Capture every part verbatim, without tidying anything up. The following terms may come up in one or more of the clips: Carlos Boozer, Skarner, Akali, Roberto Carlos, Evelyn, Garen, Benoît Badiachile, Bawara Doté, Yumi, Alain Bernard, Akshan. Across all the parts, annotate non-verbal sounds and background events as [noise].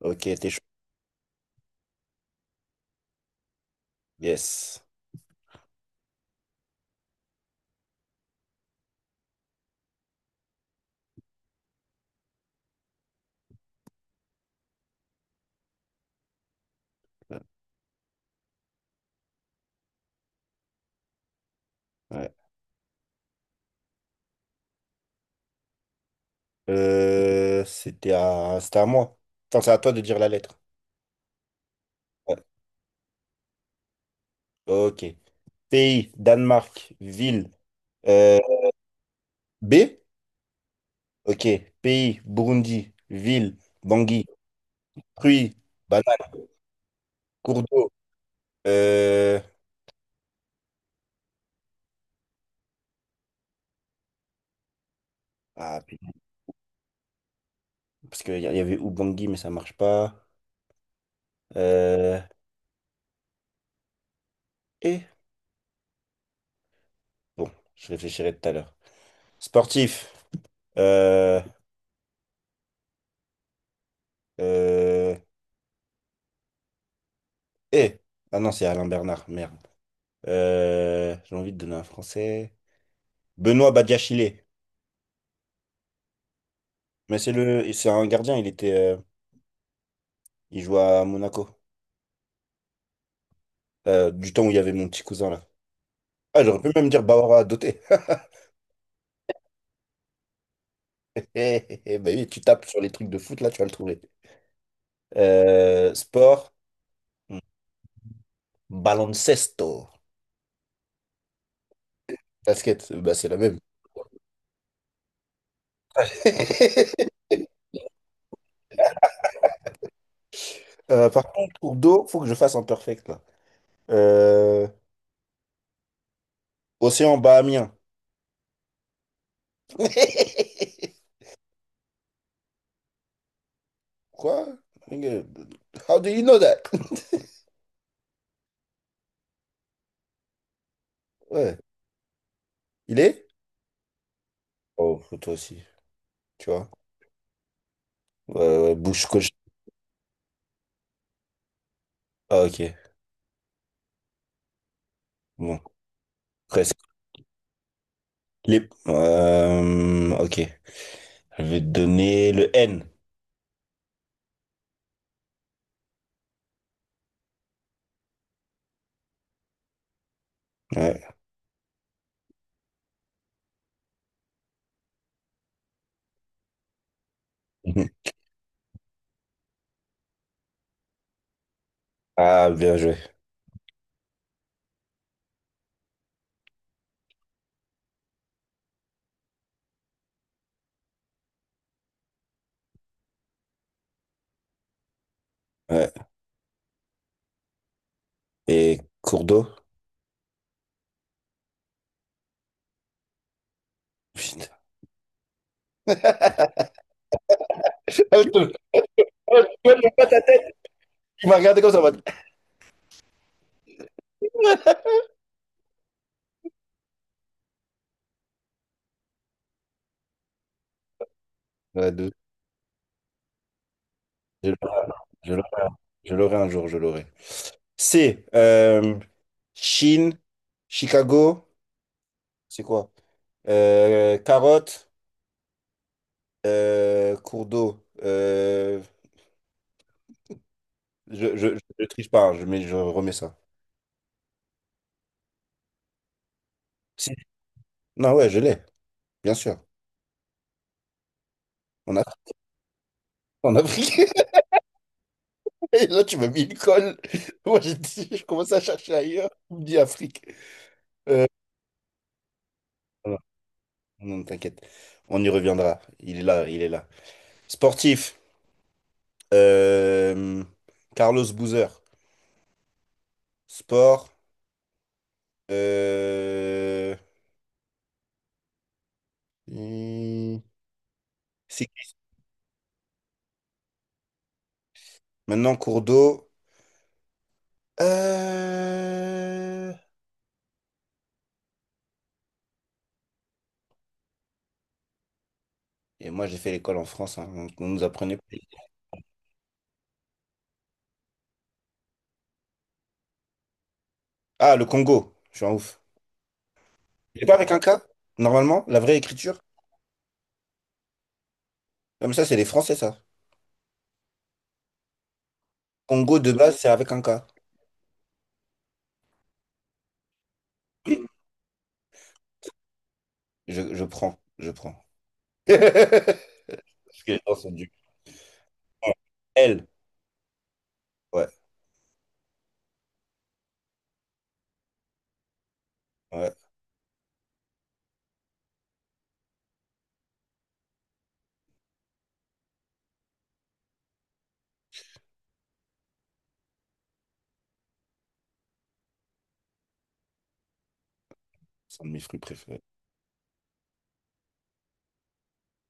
Ok, t'es chaud. Yes. Ouais. Euh, c'était à... c'était à moi. Enfin, c'est à toi de dire la lettre. Ouais. Ok. Pays, Danemark, ville. euh, B. Ok. Pays, Burundi, ville, Bangui, fruits, banane, cours d'eau. Euh, Ah, putain. Parce qu'il y a- y avait Ubangui, mais ça marche pas. Euh, Et... Bon, je réfléchirai tout à l'heure. Sportif. Euh... euh, Et... Ah non, c'est Alain Bernard, merde. Euh, j'ai envie de donner un français. Benoît Badiachile. Mais c'est le, c'est un gardien, il était, euh, il jouait à Monaco. Euh, du temps où il y avait mon petit cousin là. Ah, j'aurais pu même dire Bawara Doté. [laughs] Eh, eh, Bah oui, tu tapes sur les trucs de foot là, tu vas le trouver. Euh, sport, baloncesto. Basket, bah c'est la même. [laughs] Euh, par contre, pour d'eau, faut que je fasse un perfect là. Euh, Océan bahamien. [laughs] Quoi? Nigga, how do you know that? [laughs] Ouais. Il est? Oh, toi aussi, tu vois. Euh, bouche cochée. Ah, ok. Bon, presque. Les... Euh, ok. Je vais te donner le N. Ouais. [laughs] Mhm. Ah, bien joué. Ouais. Et cours d'eau? Putain. [laughs] Ah, je te- oh, je vois pas ta tête. Tu m'as regardé comme ça en mode. [laughs] Ouais, de- Je l'aurai, je l'aurai, je l'aurai un jour, je l'aurai. C. euh, Chine, Chicago, c'est quoi? Euh, carotte. Euh, cours d'eau. Euh, je, je, je triche pas, hein, je, mets, je remets ça. Si. Non, ouais, je l'ai, bien sûr. On a, en Afrique. [laughs] Et là, tu m'as mis une colle. [laughs] Moi, j'ai dit- je commence à chercher ailleurs. Tu me dis Afrique. Euh, voilà. Non, non, t'inquiète. On y reviendra. Il est là, il est là. Sportif. Euh, Carlos Boozer. Sport. Euh, hum, Cyclisme. Maintenant, cours d'eau. Euh, Et moi, j'ai fait l'école en France, hein, donc on nous apprenait. Ah, le Congo. Je suis un ouf. C'est pas avec un K, normalement, la vraie écriture. Comme ça, c'est les Français, ça. Congo de base, c'est avec un K. Je, je prends, je prends. [laughs] Parce que les gens sont du. Elle. Ouais, ouais. C'est un de mes fruits préférés.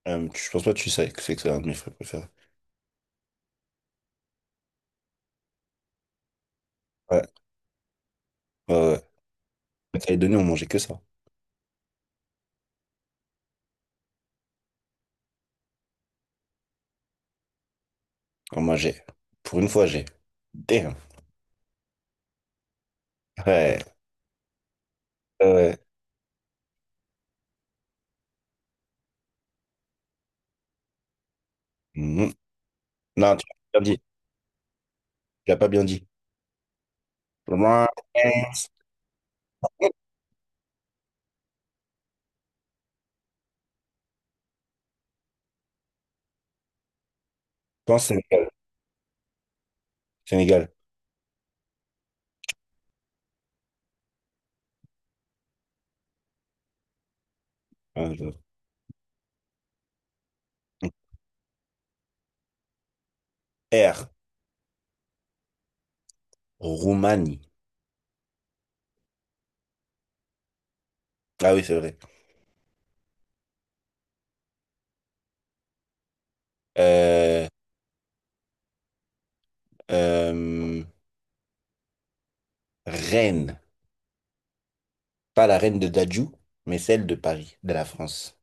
Euh, tu- je pense pas que tu sais que c'est que c'est un de mes fruits préférés. Ouais, ouais, ouais. À Calédonie, on mangeait que ça. On mangeait. Pour une fois, j'ai. Damn. Ouais, ouais. Mhm. Non, tu l'as pas bien dit. Tu l'as pas bien dit. Je pense Sénégal. Ah, je- R. Roumanie. Ah oui, c'est vrai. Euh, euh, Reine. Pas la reine de Dadju, mais celle de Paris, de la France.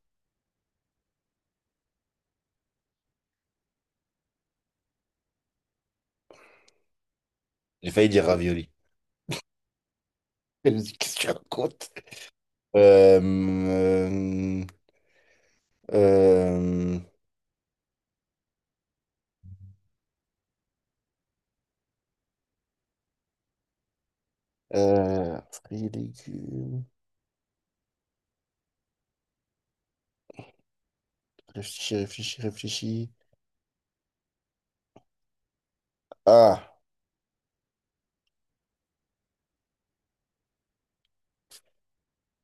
J'ai failli dire ravioli. [laughs] Je me suis dit, qu'est-ce que tu racontes? Euh, euh, euh, euh, fruits et légumes. Réfléchis, réfléchis, réfléchis. Ah,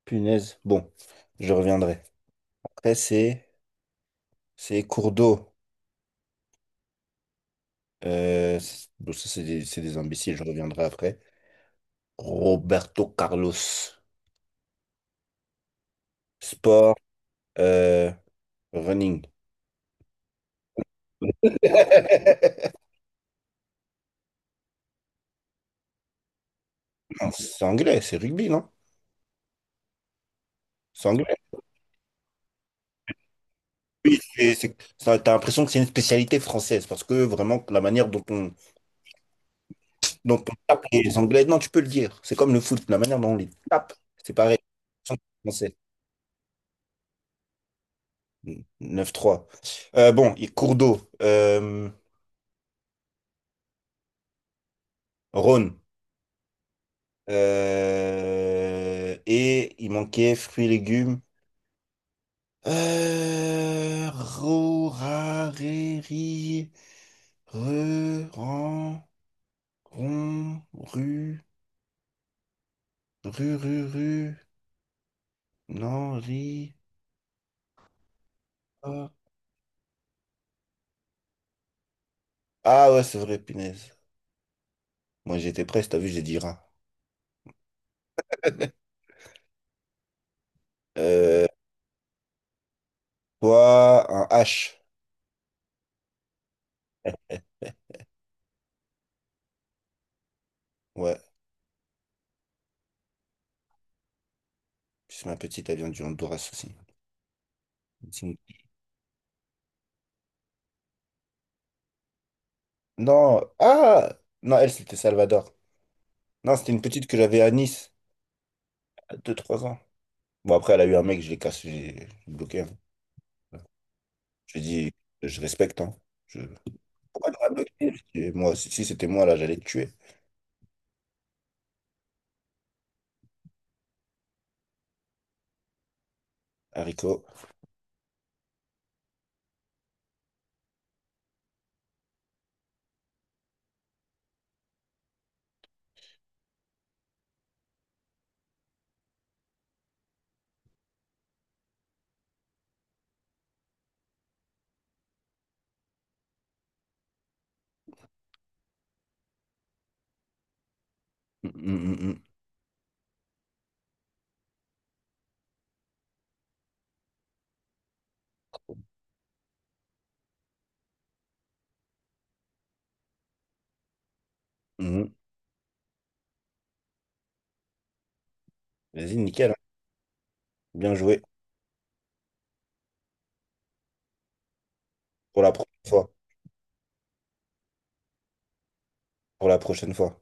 punaise. Bon, je reviendrai. Après, c'est c'est cours d'eau. Euh, c'est- bon, ça, c'est des, c'est des imbéciles. Je reviendrai après. Roberto Carlos. Sport, euh, running. [laughs] Non, c'est anglais, c'est rugby, non? C'est anglais. Et c'est- ça, t'as l'impression que c'est une spécialité française parce que vraiment, la manière dont on, dont on tape les Anglais, non, tu peux le dire. C'est comme le foot, la manière dont on les tape, c'est pareil. Sans français. Neuf trois. Euh, bon, il Cours d'eau, euh, Rhône. Euh, et il manquait fruits, légumes. Euh, ro, ra, ré, ri, re, ran, ron, ru, ru, ru, ru, non, ri, ra. Ah ouais, c'est vrai, punaise. Moi, j'étais presque, t'as vu, j'ai dit ra. Euh, Toi, un H. Ouais, c'est ma petite, elle vient du Honduras aussi. C'est une- Non, ah! Non, elle, c'était Salvador. Non, c'était une petite que j'avais à Nice, à deux trois ans. Bon, après, elle a eu un mec, je l'ai cassé, j'ai bloqué. J'ai dit, je respecte, hein. Je... Pourquoi t'aurais bloqué? J'ai dit, moi, si, si c'était moi, là, j'allais te tuer. Haricot. Mm, mm, mm, mm, mm. Vas-y, nickel, hein. Bien joué. Pour la prochaine fois. Pour la prochaine fois.